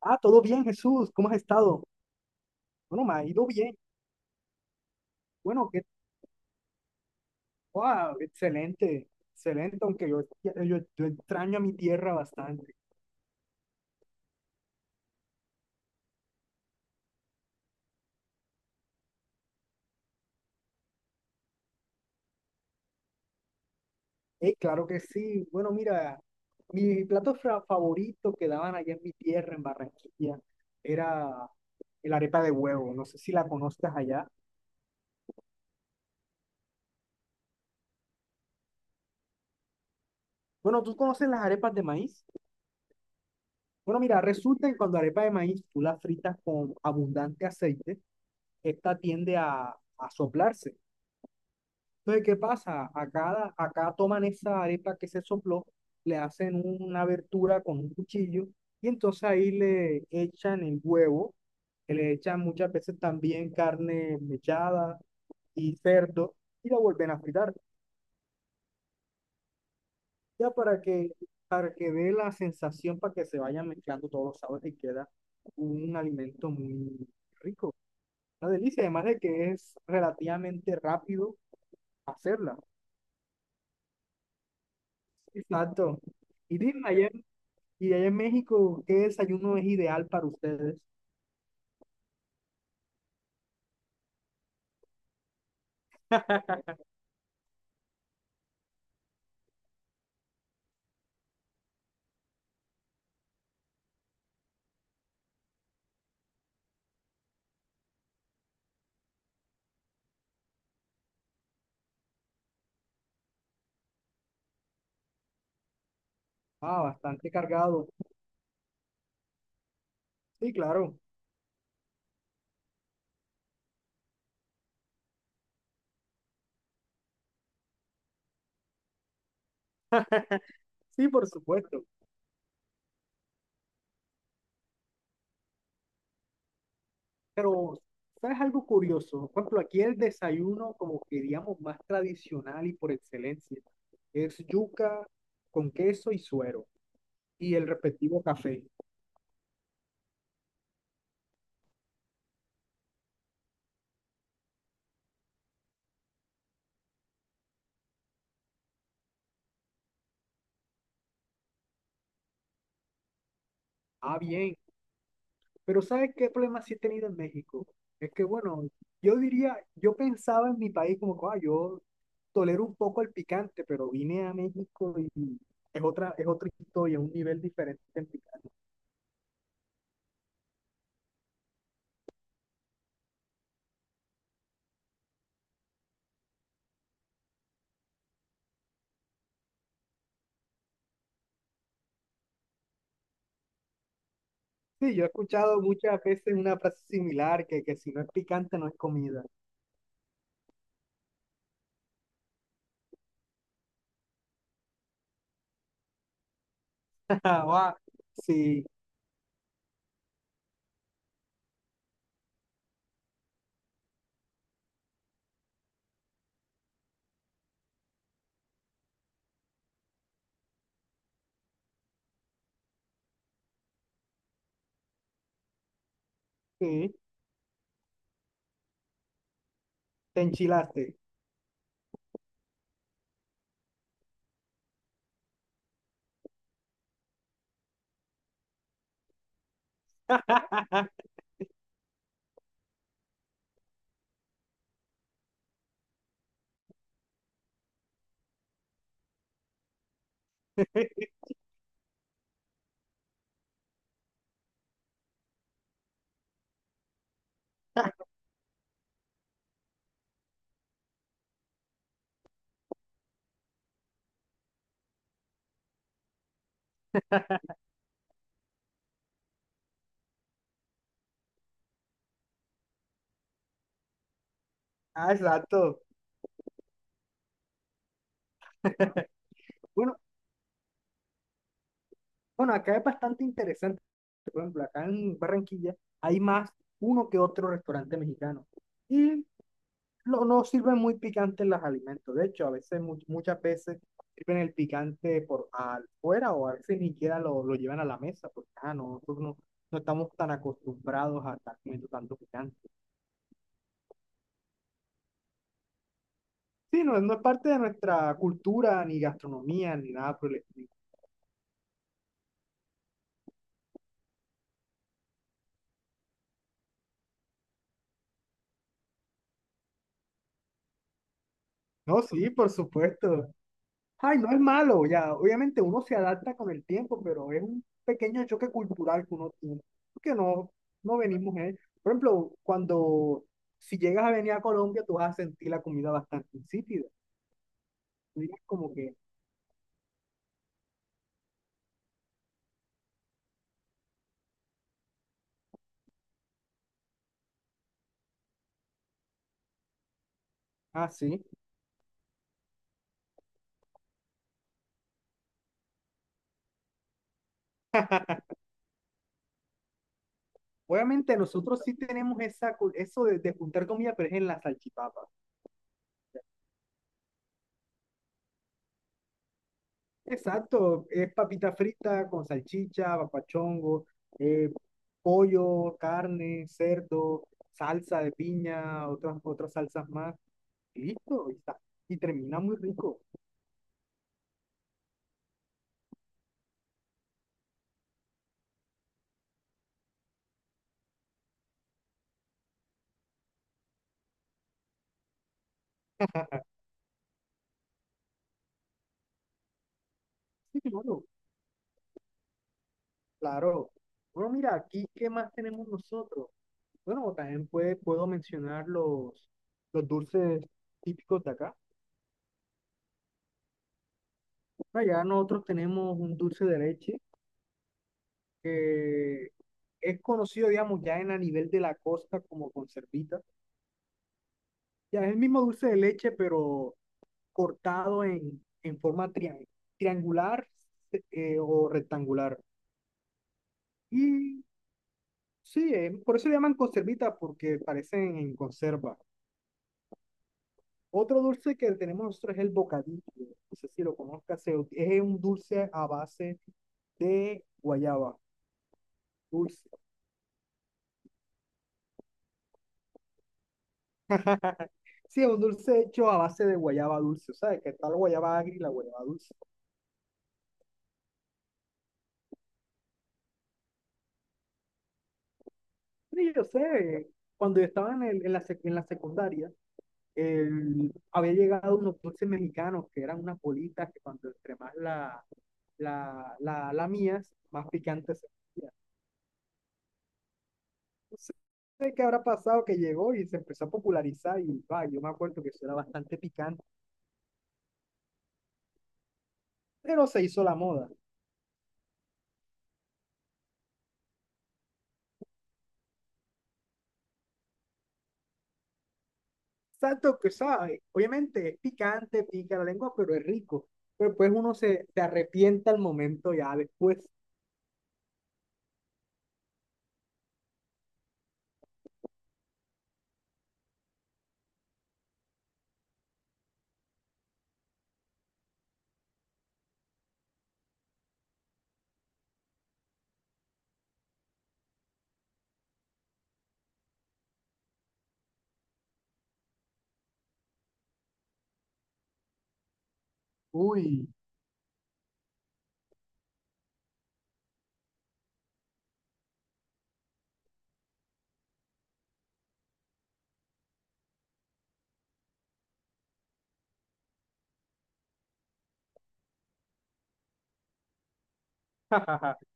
Ah, todo bien, Jesús, ¿cómo has estado? Bueno, me ha ido bien. Bueno, qué, wow, excelente, excelente, aunque yo extraño a mi tierra bastante. Claro que sí. Bueno, mira, mi favorito que daban allá en mi tierra, en Barranquilla, era el arepa de huevo. No sé si la conozcas allá. Bueno, ¿tú conoces las arepas de maíz? Bueno, mira, resulta que cuando arepa de maíz tú la fritas con abundante aceite, esta tiende a soplarse. Entonces, ¿qué pasa? Acá toman esa arepa que se sopló, le hacen una abertura con un cuchillo y entonces ahí le echan el huevo, que le echan muchas veces también carne mechada y cerdo y la vuelven a fritar, ya para que dé la sensación, para que se vayan mezclando todos los sabores y queda un alimento muy rico. Una delicia, además de que es relativamente rápido hacerla. Exacto. Y dime, y allá en México, ¿qué desayuno es ideal para ustedes? Ah, bastante cargado. Sí, claro. Sí, por supuesto. Pero, ¿sabes algo curioso? Por ejemplo, aquí el desayuno, como que digamos, más tradicional y por excelencia, es yuca con queso y suero y el respectivo café. Ah, bien. Pero, ¿sabes qué problema sí he tenido en México? Es que, bueno, yo diría, yo pensaba en mi país como, que, ah, yo tolero un poco el picante, pero vine a México y es otra historia, un nivel diferente en picante. Sí, yo he escuchado muchas veces una frase similar, que si no es picante no es comida. Ah, sí, sí, te enchilaste. Ah, exacto. Bueno, bueno, acá es bastante interesante. Por ejemplo, acá en Barranquilla hay más uno que otro restaurante mexicano. Y no, no sirven muy picantes los alimentos. De hecho, a veces, muchas veces sirven el picante por afuera o a veces ni siquiera lo llevan a la mesa porque ah, no, nosotros no, no estamos tan acostumbrados a estar comiendo tanto picante. Sí, no, no es parte de nuestra cultura, ni gastronomía, ni nada por el estilo. No, sí, por supuesto. Ay, no es malo, ya. Obviamente uno se adapta con el tiempo, pero es un pequeño choque cultural que uno tiene, porque no, no venimos en, por ejemplo, cuando, si llegas a venir a Colombia, tú vas a sentir la comida bastante insípida. Tú dirás como que, ah, sí. Obviamente nosotros sí tenemos esa, eso de juntar comida, pero es en la salchipapa. Exacto, es papita frita con salchicha, papachongo, eh, pollo, carne, cerdo, salsa de piña, otras salsas más. Listo, y termina muy rico. Sí, claro, claro. Bueno, mira, aquí, ¿qué más tenemos nosotros? Bueno, también puedo mencionar los dulces típicos de acá. Allá nosotros tenemos un dulce de leche que es conocido, digamos, ya en a nivel de la costa como conservita. Ya es el mismo dulce de leche, pero cortado en triangular, o rectangular. Y sí, por eso le llaman conservita, porque parecen en conserva. Otro dulce que tenemos nosotros es el bocadillo. No sé si lo conozcas, es un dulce a base de guayaba dulce. Sí, es un dulce hecho a base de guayaba dulce, ¿sabes? Que está la guayaba agria y la guayaba dulce. Sí, yo sé, eh, cuando yo estaba en, en la, en la secundaria, el- había llegado unos dulces mexicanos que eran unas bolitas que cuando entre más la mías, más picantes. No sé qué habrá pasado que llegó y se empezó a popularizar y va, yo me acuerdo que eso era bastante picante, pero se hizo la moda. Exacto, que sabe, obviamente es picante, pica la lengua, pero es rico. Pero pues uno se arrepienta al momento ya después. Uy.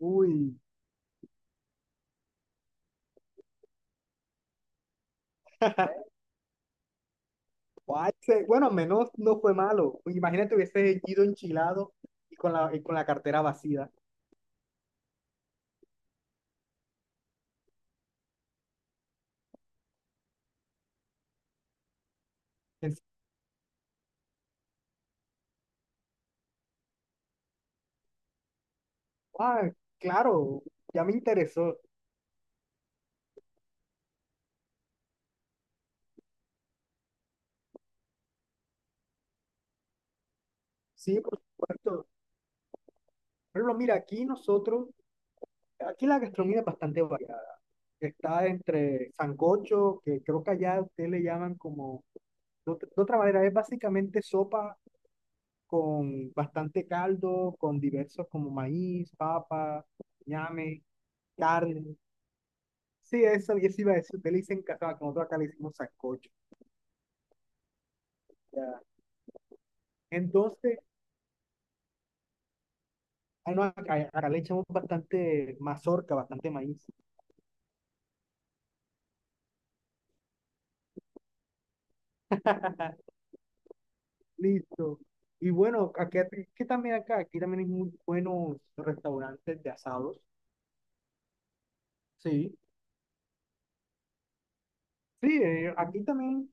Uy. Guay, se- Bueno, al menos no fue malo. Imagínate hubiese ido enchilado y con la cartera vacía. Es- Ah, claro, ya me interesó. Sí, por supuesto. Pero mira, aquí nosotros, aquí la gastronomía es bastante variada. Está entre sancocho, que creo que allá ustedes le llaman como, de otra manera, es básicamente sopa con bastante caldo, con diversos como maíz, papa, ñame, carne. Sí, eso iba a decir, ustedes le dicen cazaba, que nosotros acá le decimos sancocho. Ya. Entonces, ah, no, acá le echamos bastante mazorca, bastante maíz. Listo. Y bueno, aquí, que también acá, aquí también hay muy buenos restaurantes de asados. Sí, sí, aquí también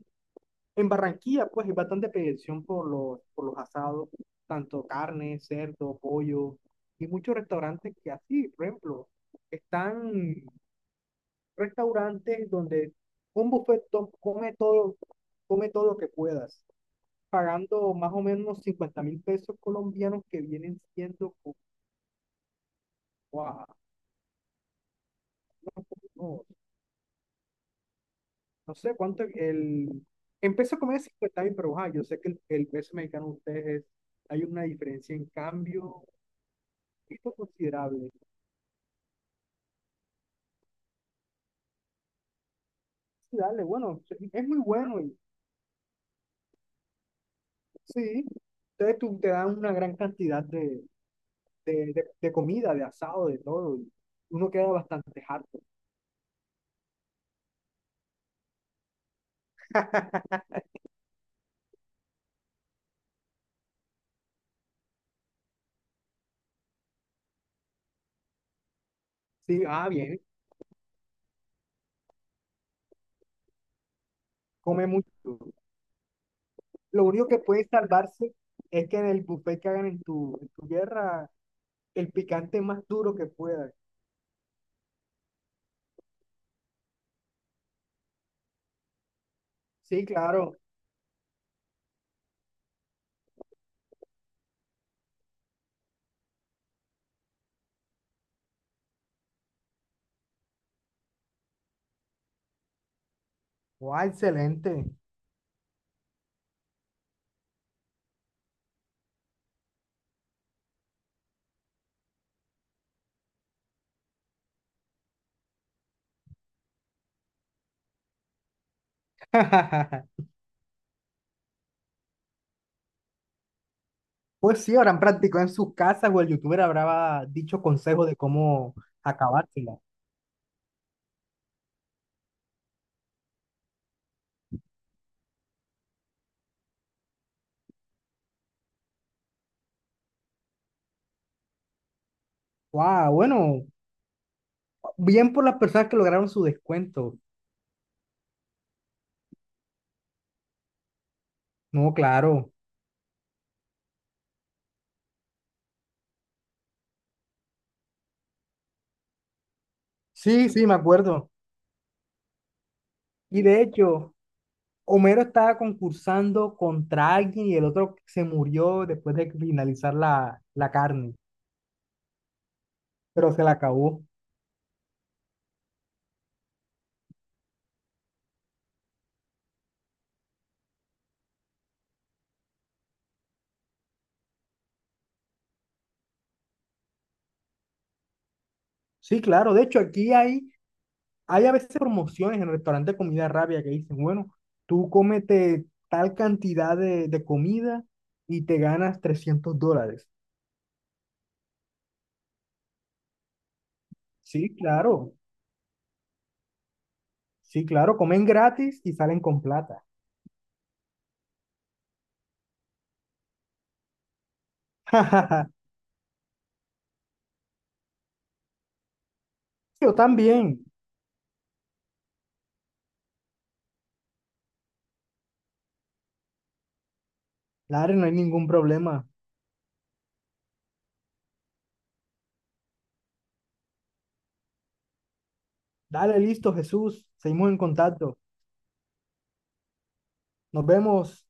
en Barranquilla pues hay bastante petición por por los asados, tanto carne, cerdo, pollo, y muchos restaurantes que así, por ejemplo, están restaurantes donde un come todo lo que puedas, pagando más o menos 50.000 pesos colombianos que vienen siendo, wow, no sé cuánto el... Empezó a comer 50 mil, pero ajá, yo sé que el peso mexicano de ustedes es- hay una diferencia en cambio esto considerable. Sí, dale, bueno, sí, es muy bueno y sí. Entonces tú te dan una gran cantidad de comida, de asado, de todo, y uno queda bastante harto. Sí, ah, bien, come mucho. Lo único que puede salvarse es que en el buffet que hagan en tu tierra, el picante más duro que pueda. Sí, claro. Guau, excelente. Pues sí, habrán practicado en sus casas o el youtuber habrá dicho consejos de cómo acabársela. Wow, bueno, bien por las personas que lograron su descuento. No, claro. Sí, sí, me acuerdo. Y de hecho, Homero estaba concursando contra alguien y el otro se murió después de finalizar la carne, pero se la acabó. Sí, claro. De hecho, aquí hay, hay a veces promociones en restaurantes de comida rápida que dicen, bueno, tú cómete tal cantidad de comida y te ganas 300 dólares. Sí, claro, sí, claro, comen gratis y salen con plata. Yo también. Dale, no hay ningún problema. Dale, listo, Jesús. Seguimos en contacto. Nos vemos.